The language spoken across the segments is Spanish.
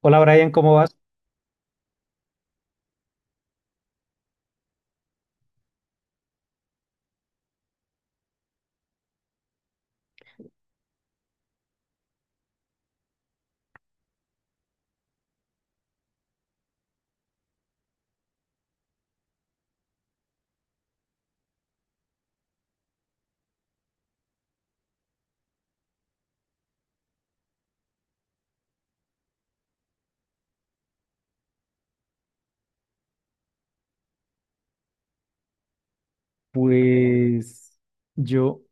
Hola Brian, ¿cómo vas? Pues yo,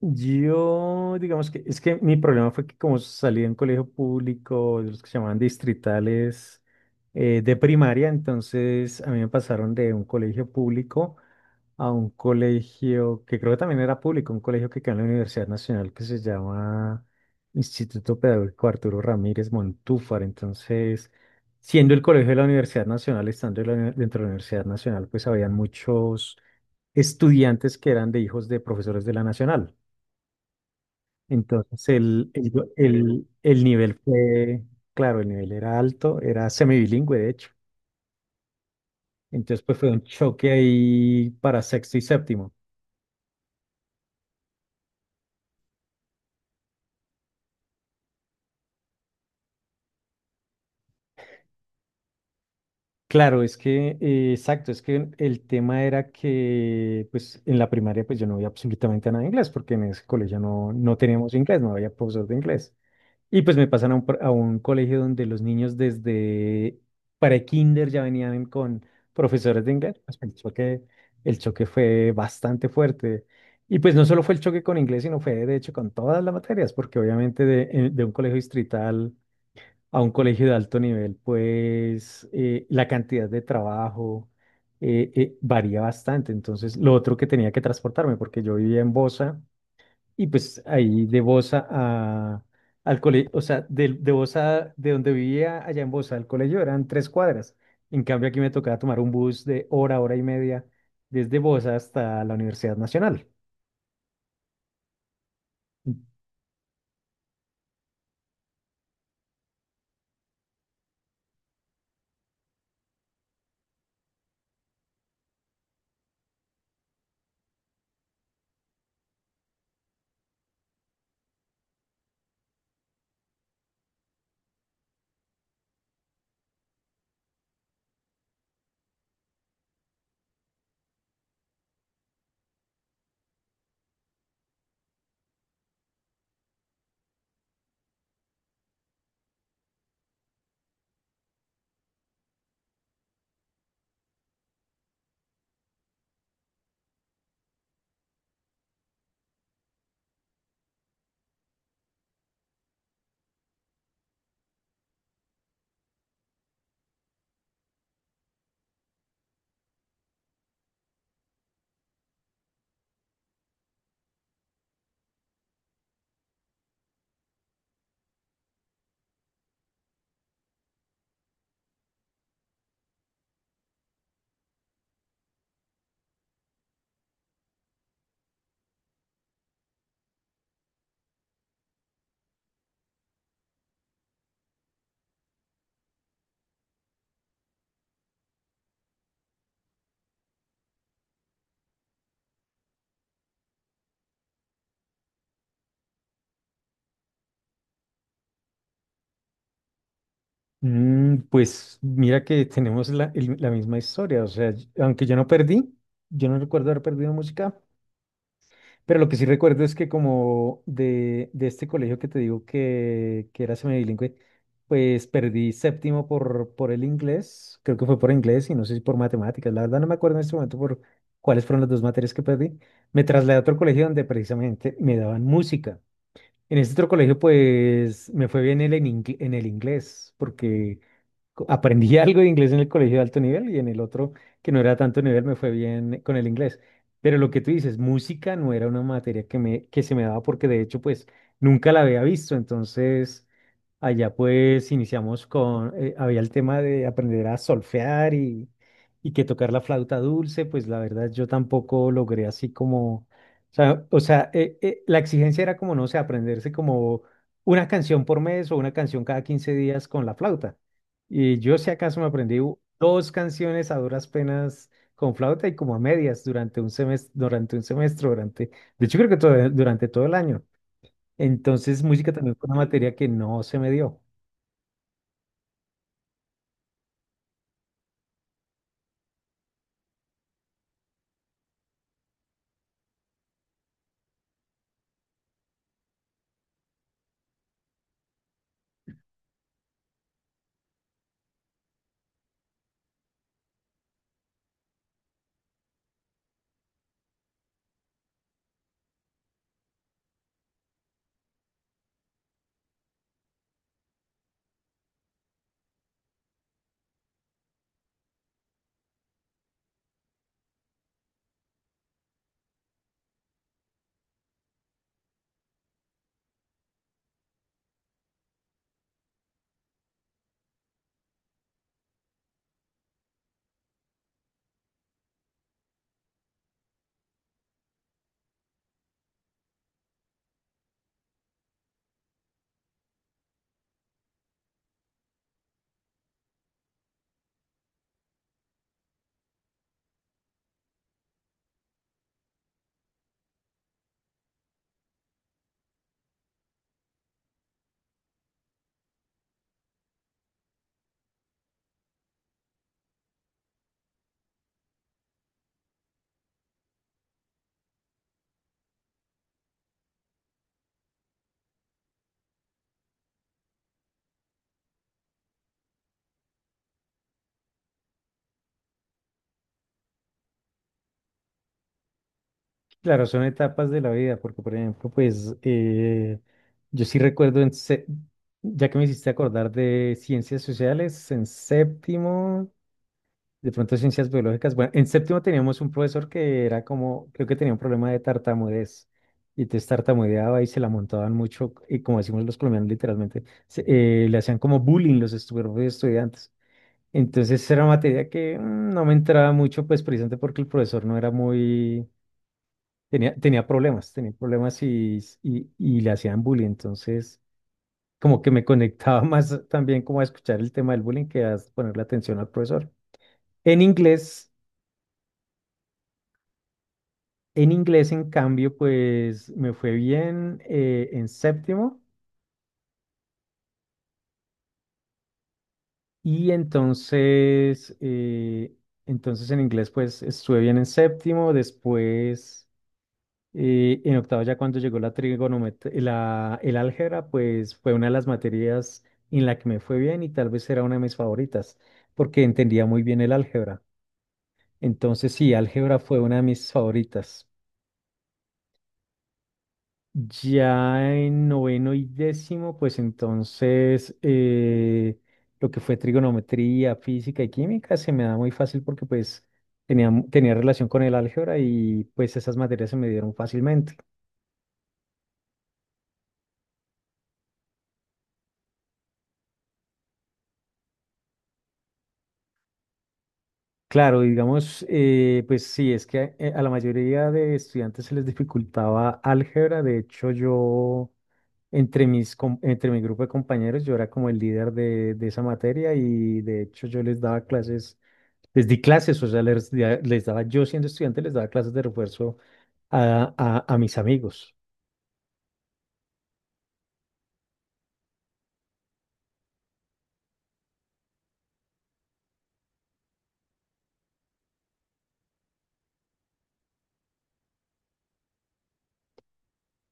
digamos que es que mi problema fue que como salí de un colegio público, de los que se llamaban distritales de primaria, entonces a mí me pasaron de un colegio público a un colegio que creo que también era público, un colegio que queda en la Universidad Nacional que se llama Instituto Pedagógico Arturo Ramírez Montúfar. Entonces, siendo el colegio de la Universidad Nacional, estando en la dentro de la Universidad Nacional, pues habían muchos estudiantes que eran de hijos de profesores de la Nacional. Entonces el nivel fue, claro, el nivel era alto, era semibilingüe de hecho. Entonces pues fue un choque ahí para sexto y séptimo. Claro, es que, exacto, es que el tema era que pues en la primaria pues yo no veía absolutamente nada de inglés porque en ese colegio no, no teníamos inglés, no había profesor de inglés. Y pues me pasan a a un colegio donde los niños desde pre-kinder ya venían con profesores de inglés. Pues el choque fue bastante fuerte. Y pues no solo fue el choque con inglés, sino fue de hecho con todas las materias, porque obviamente de un colegio distrital a un colegio de alto nivel, pues la cantidad de trabajo varía bastante. Entonces, lo otro que tenía que transportarme, porque yo vivía en Bosa. Y pues ahí de Bosa a, al colegio, o sea, de Bosa, de donde vivía allá en Bosa al colegio eran tres cuadras. En cambio aquí me tocaba tomar un bus de hora, hora y media desde Bosa hasta la Universidad Nacional. Mm, pues mira que tenemos la misma historia, o sea, aunque yo no perdí, yo no recuerdo haber perdido música. Pero lo que sí recuerdo es que como de este colegio que te digo que era semibilingüe, pues perdí séptimo por el inglés, creo que fue por inglés y no sé si por matemáticas, la verdad no me acuerdo en este momento por cuáles fueron las dos materias que perdí. Me trasladé a otro colegio donde precisamente me daban música. En este otro colegio pues me fue bien el en el inglés porque aprendí algo de inglés en el colegio de alto nivel y en el otro, que no era tanto nivel, me fue bien con el inglés. Pero lo que tú dices, música no era una materia que me, que se me daba porque de hecho, pues nunca la había visto. Entonces, allá pues iniciamos con, había el tema de aprender a solfear y que tocar la flauta dulce, pues la verdad yo tampoco logré así como, la exigencia era como, no sé, aprenderse como una canción por mes o una canción cada 15 días con la flauta. Y yo si acaso me aprendí dos canciones a duras penas con flauta y como a medias durante un semestre, durante un semestre, durante, de hecho creo que todo, durante todo el año. Entonces música también fue una materia que no se me dio. Claro, son etapas de la vida, porque por ejemplo, pues yo sí recuerdo, en ya que me hiciste acordar de ciencias sociales, en séptimo. De pronto ciencias biológicas. Bueno, en séptimo teníamos un profesor que era como, creo que tenía un problema de tartamudez. Y entonces tartamudeaba y se la montaban mucho. Y como decimos los colombianos literalmente, le hacían como bullying los propios estudiantes. Entonces era materia que mm, no me entraba mucho, pues precisamente porque el profesor no era muy... Tenía problemas, tenía problemas y, y le hacían bullying. Entonces como que me conectaba más también como a escuchar el tema del bullying que a ponerle atención al profesor. En inglés... En inglés, en cambio, pues me fue bien en séptimo y entonces, entonces en inglés pues estuve bien en séptimo, después en octavo ya cuando llegó la trigonometría, el álgebra, pues fue una de las materias en la que me fue bien y tal vez era una de mis favoritas porque entendía muy bien el álgebra. Entonces sí, álgebra fue una de mis favoritas. Ya en noveno y décimo, pues entonces lo que fue trigonometría, física y química se me da muy fácil porque pues tenía, tenía relación con el álgebra y pues esas materias se me dieron fácilmente. Claro, y digamos, pues sí, es que a la mayoría de estudiantes se les dificultaba álgebra. De hecho, yo entre mis, entre mi grupo de compañeros, yo era como el líder de esa materia y de hecho yo les daba clases, les di clases, o sea, les daba, yo siendo estudiante, les daba clases de refuerzo a, a mis amigos.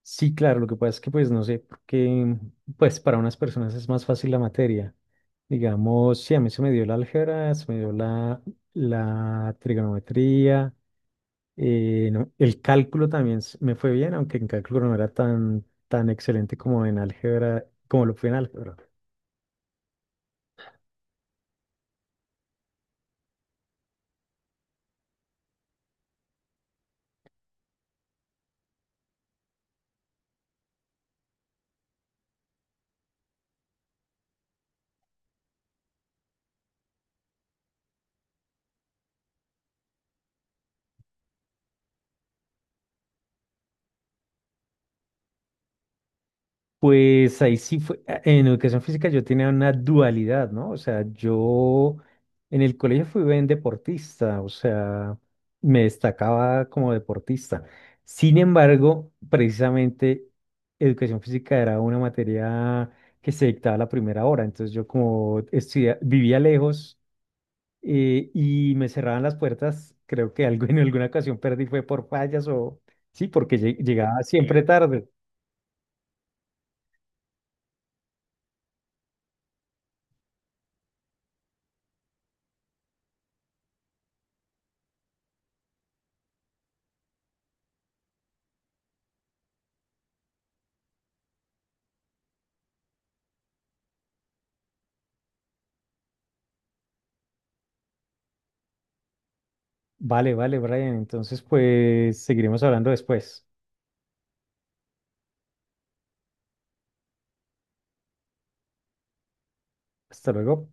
Sí, claro, lo que pasa es que pues no sé, porque pues para unas personas es más fácil la materia. Digamos, sí, a mí se me dio la álgebra, se me dio la, la trigonometría. No, el cálculo también me fue bien, aunque en cálculo no era tan, tan excelente como en álgebra, como lo fue en álgebra. Pues ahí sí fue, en educación física yo tenía una dualidad, ¿no? O sea, yo en el colegio fui buen deportista, o sea, me destacaba como deportista. Sin embargo, precisamente educación física era una materia que se dictaba a la primera hora, entonces yo como vivía lejos. Y me cerraban las puertas. Creo que algo, en alguna ocasión perdí fue por fallas o sí, porque llegaba siempre Sí. tarde. Vale, vale, Brian. Entonces, pues seguiremos hablando después. Hasta luego.